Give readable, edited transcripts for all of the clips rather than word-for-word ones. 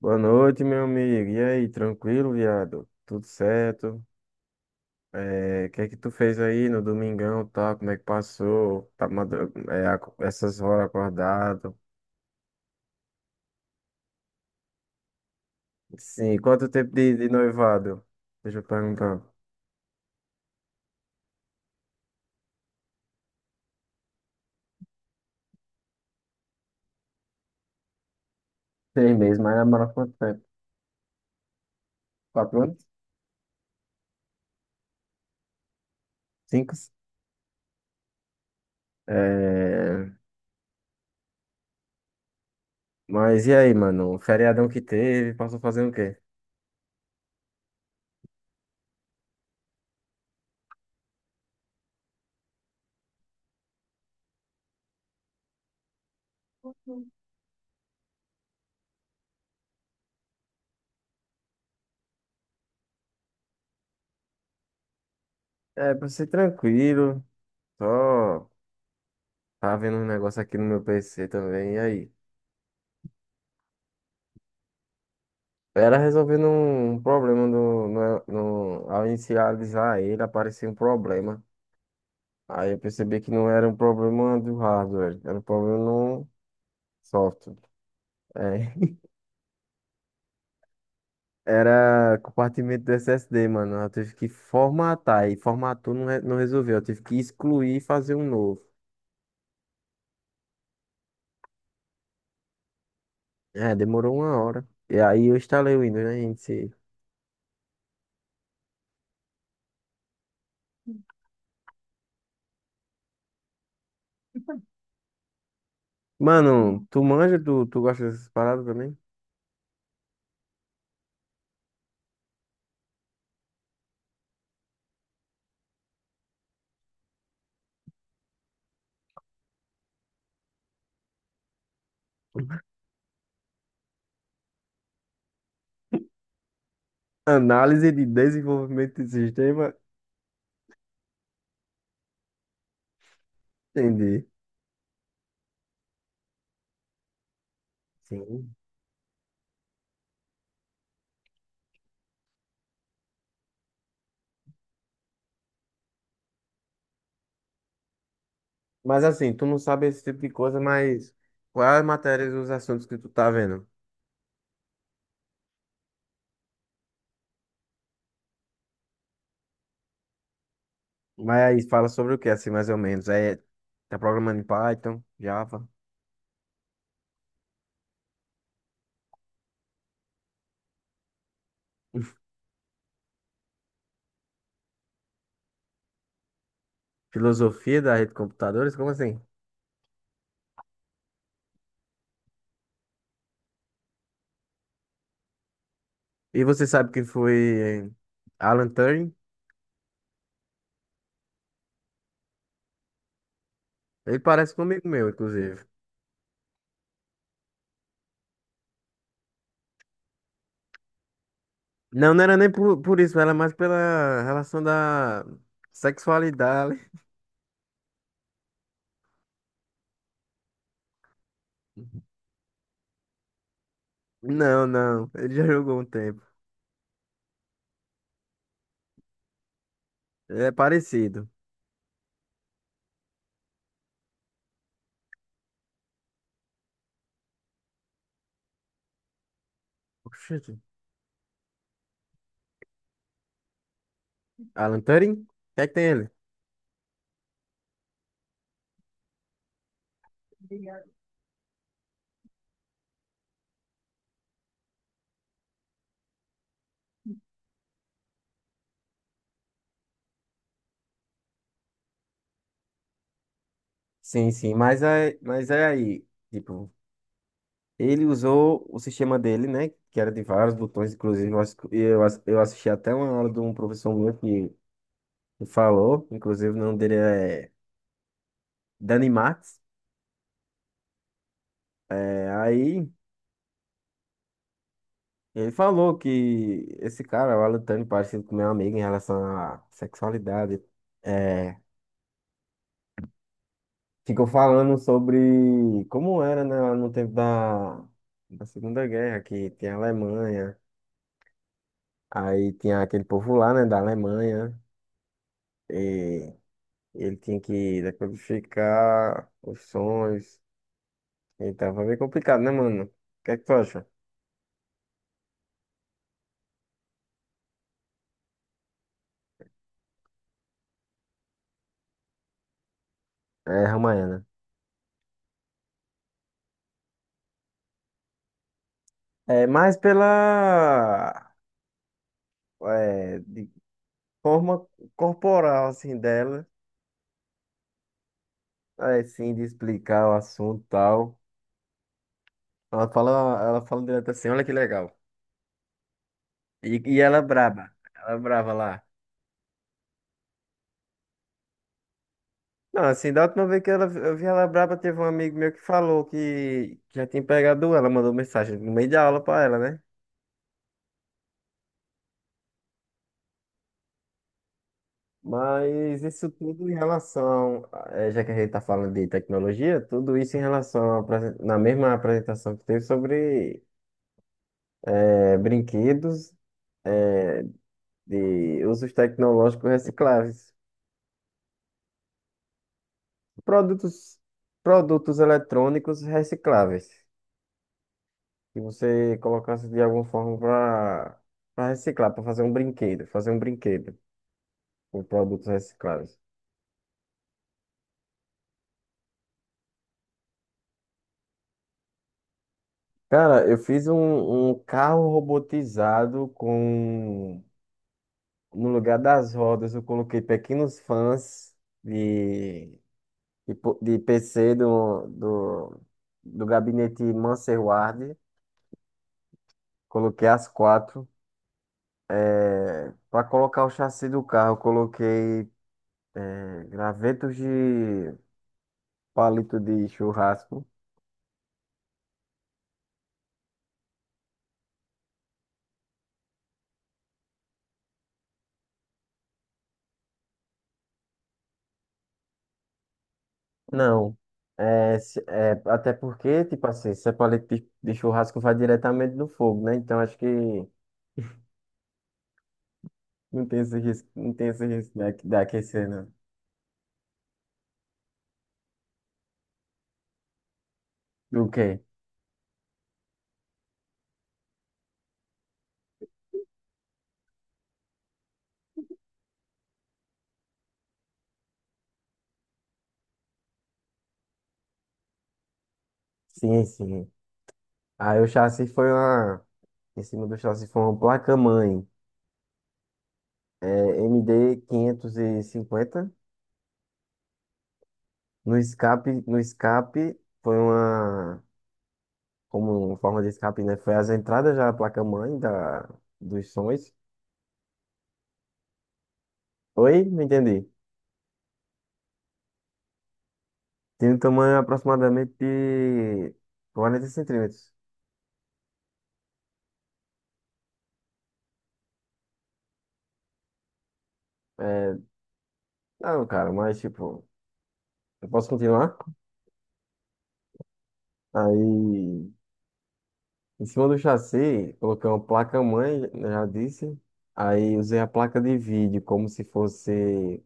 Boa noite, meu amigo. E aí, tranquilo, viado? Tudo certo? É, o que é que tu fez aí no domingão, tá? Como é que passou? Tá, essas horas acordado? Sim, quanto tempo de noivado? Deixa eu perguntar. Seis meses, mas namora quanto tempo? Quatro anos? Cinco? É, mas e aí, mano? O feriadão que teve, passou fazendo o quê? É, pra ser tranquilo. Só tava vendo um negócio aqui no meu PC também. E aí? Era resolvendo um problema do no, no- ao inicializar ele, aparecia um problema. Aí eu percebi que não era um problema do hardware, era um problema no software. É. Era compartimento do SSD, mano. Eu tive que formatar e formatou não, não resolveu. Eu tive que excluir e fazer um novo. É, demorou uma hora. E aí eu instalei o Windows, né, gente? Mano, tu manja, tu gosta dessas paradas também? Análise de desenvolvimento de sistema? Entendi. Sim. Mas assim, tu não sabe esse tipo de coisa, mas quais as matérias e os assuntos que tu tá vendo? Mas aí fala sobre o que, assim, mais ou menos? É, tá programando em Python, Java, filosofia da rede de computadores? Como assim? E você sabe quem foi Alan Turing? Ele parece comigo meu, inclusive. Não, não era nem por isso, era mais pela relação da sexualidade. Não, não, ele já jogou um tempo. É parecido. Oxente. Alan Turing? O que é que tem ele? Sim, sim, mas é aí, tipo, ele usou o sistema dele, né, que era de vários botões, inclusive eu assisti até uma aula de um professor meu que falou, inclusive o nome dele é Dani Max, é, aí ele falou que esse cara, o Alan Turing, parecido com meu amigo em relação à sexualidade, é, ficou falando sobre como era, né, lá no tempo da Segunda Guerra, que tem a Alemanha. Aí tinha aquele povo lá, né, da Alemanha, e ele tinha que decodificar os sons. Então foi bem complicado, né, mano? O que é que tu acha? É, Ramayana. É, mais pela é, de forma corporal, assim, dela, é, sim, de explicar o assunto e tal. Ela fala, ela fala direto assim, olha que legal. E ela é braba lá. Não, assim, da última vez que ela, eu vi ela braba, teve um amigo meu que falou que já tinha pegado ela, mandou mensagem no meio da aula pra ela, né? Mas isso tudo em relação, já que a gente tá falando de tecnologia, tudo isso em relação à na mesma apresentação que teve sobre brinquedos, eh, de usos tecnológicos recicláveis, produtos, produtos eletrônicos recicláveis, que você colocasse de alguma forma para para reciclar, para fazer um brinquedo com produtos recicláveis. Cara, eu fiz um carro robotizado com no lugar das rodas eu coloquei pequenos fãs de de PC do gabinete Manserward. Coloquei as quatro. Para colocar o chassi do carro, eu coloquei gravetos de palito de churrasco. Não. É, até porque, tipo assim, se é paleta de churrasco vai diretamente no fogo, né? Então acho que não tem esse risco, não tem esse risco de aquecer, não. O quê? Sim, sim. Aí o chassi foi uma. Em cima do chassi foi uma placa-mãe. É, MD cinquenta. No escape, no escape foi uma. Como forma de escape, né? Foi as entradas já a placa-mãe da, dos sons. Oi? Não entendi. Tem um tamanho aproximadamente de 40 centímetros. É, não, cara, mas tipo, eu posso continuar? Aí, em cima do chassi, coloquei uma placa-mãe, eu já disse. Aí usei a placa de vídeo como se fosse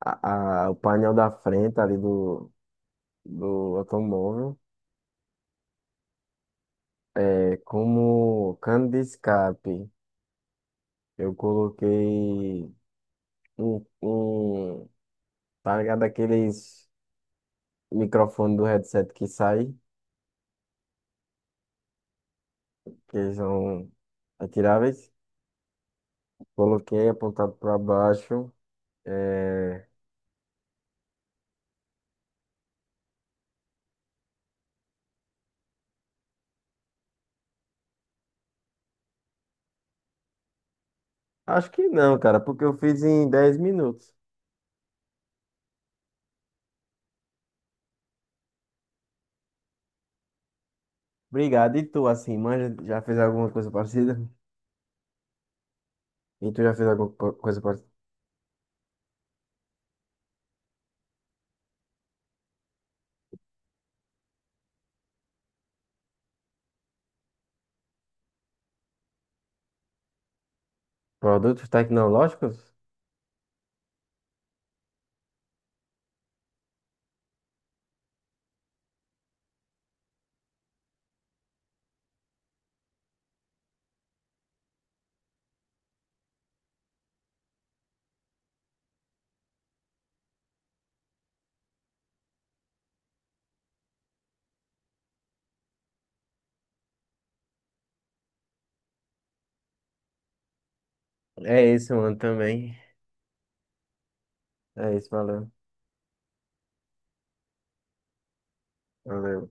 o painel da frente ali do automóvel. É, como cano de escape, eu coloquei um, um, tá ligado? Aqueles microfone do headset que sai, que são atiráveis. Coloquei apontado para baixo. É. Acho que não, cara, porque eu fiz em 10 minutos. Obrigado. E tu, assim, manja, já fez alguma coisa parecida? E tu já fez alguma coisa parecida? Produtos tecnológicos? É isso, mano, também. É isso, valeu. Valeu.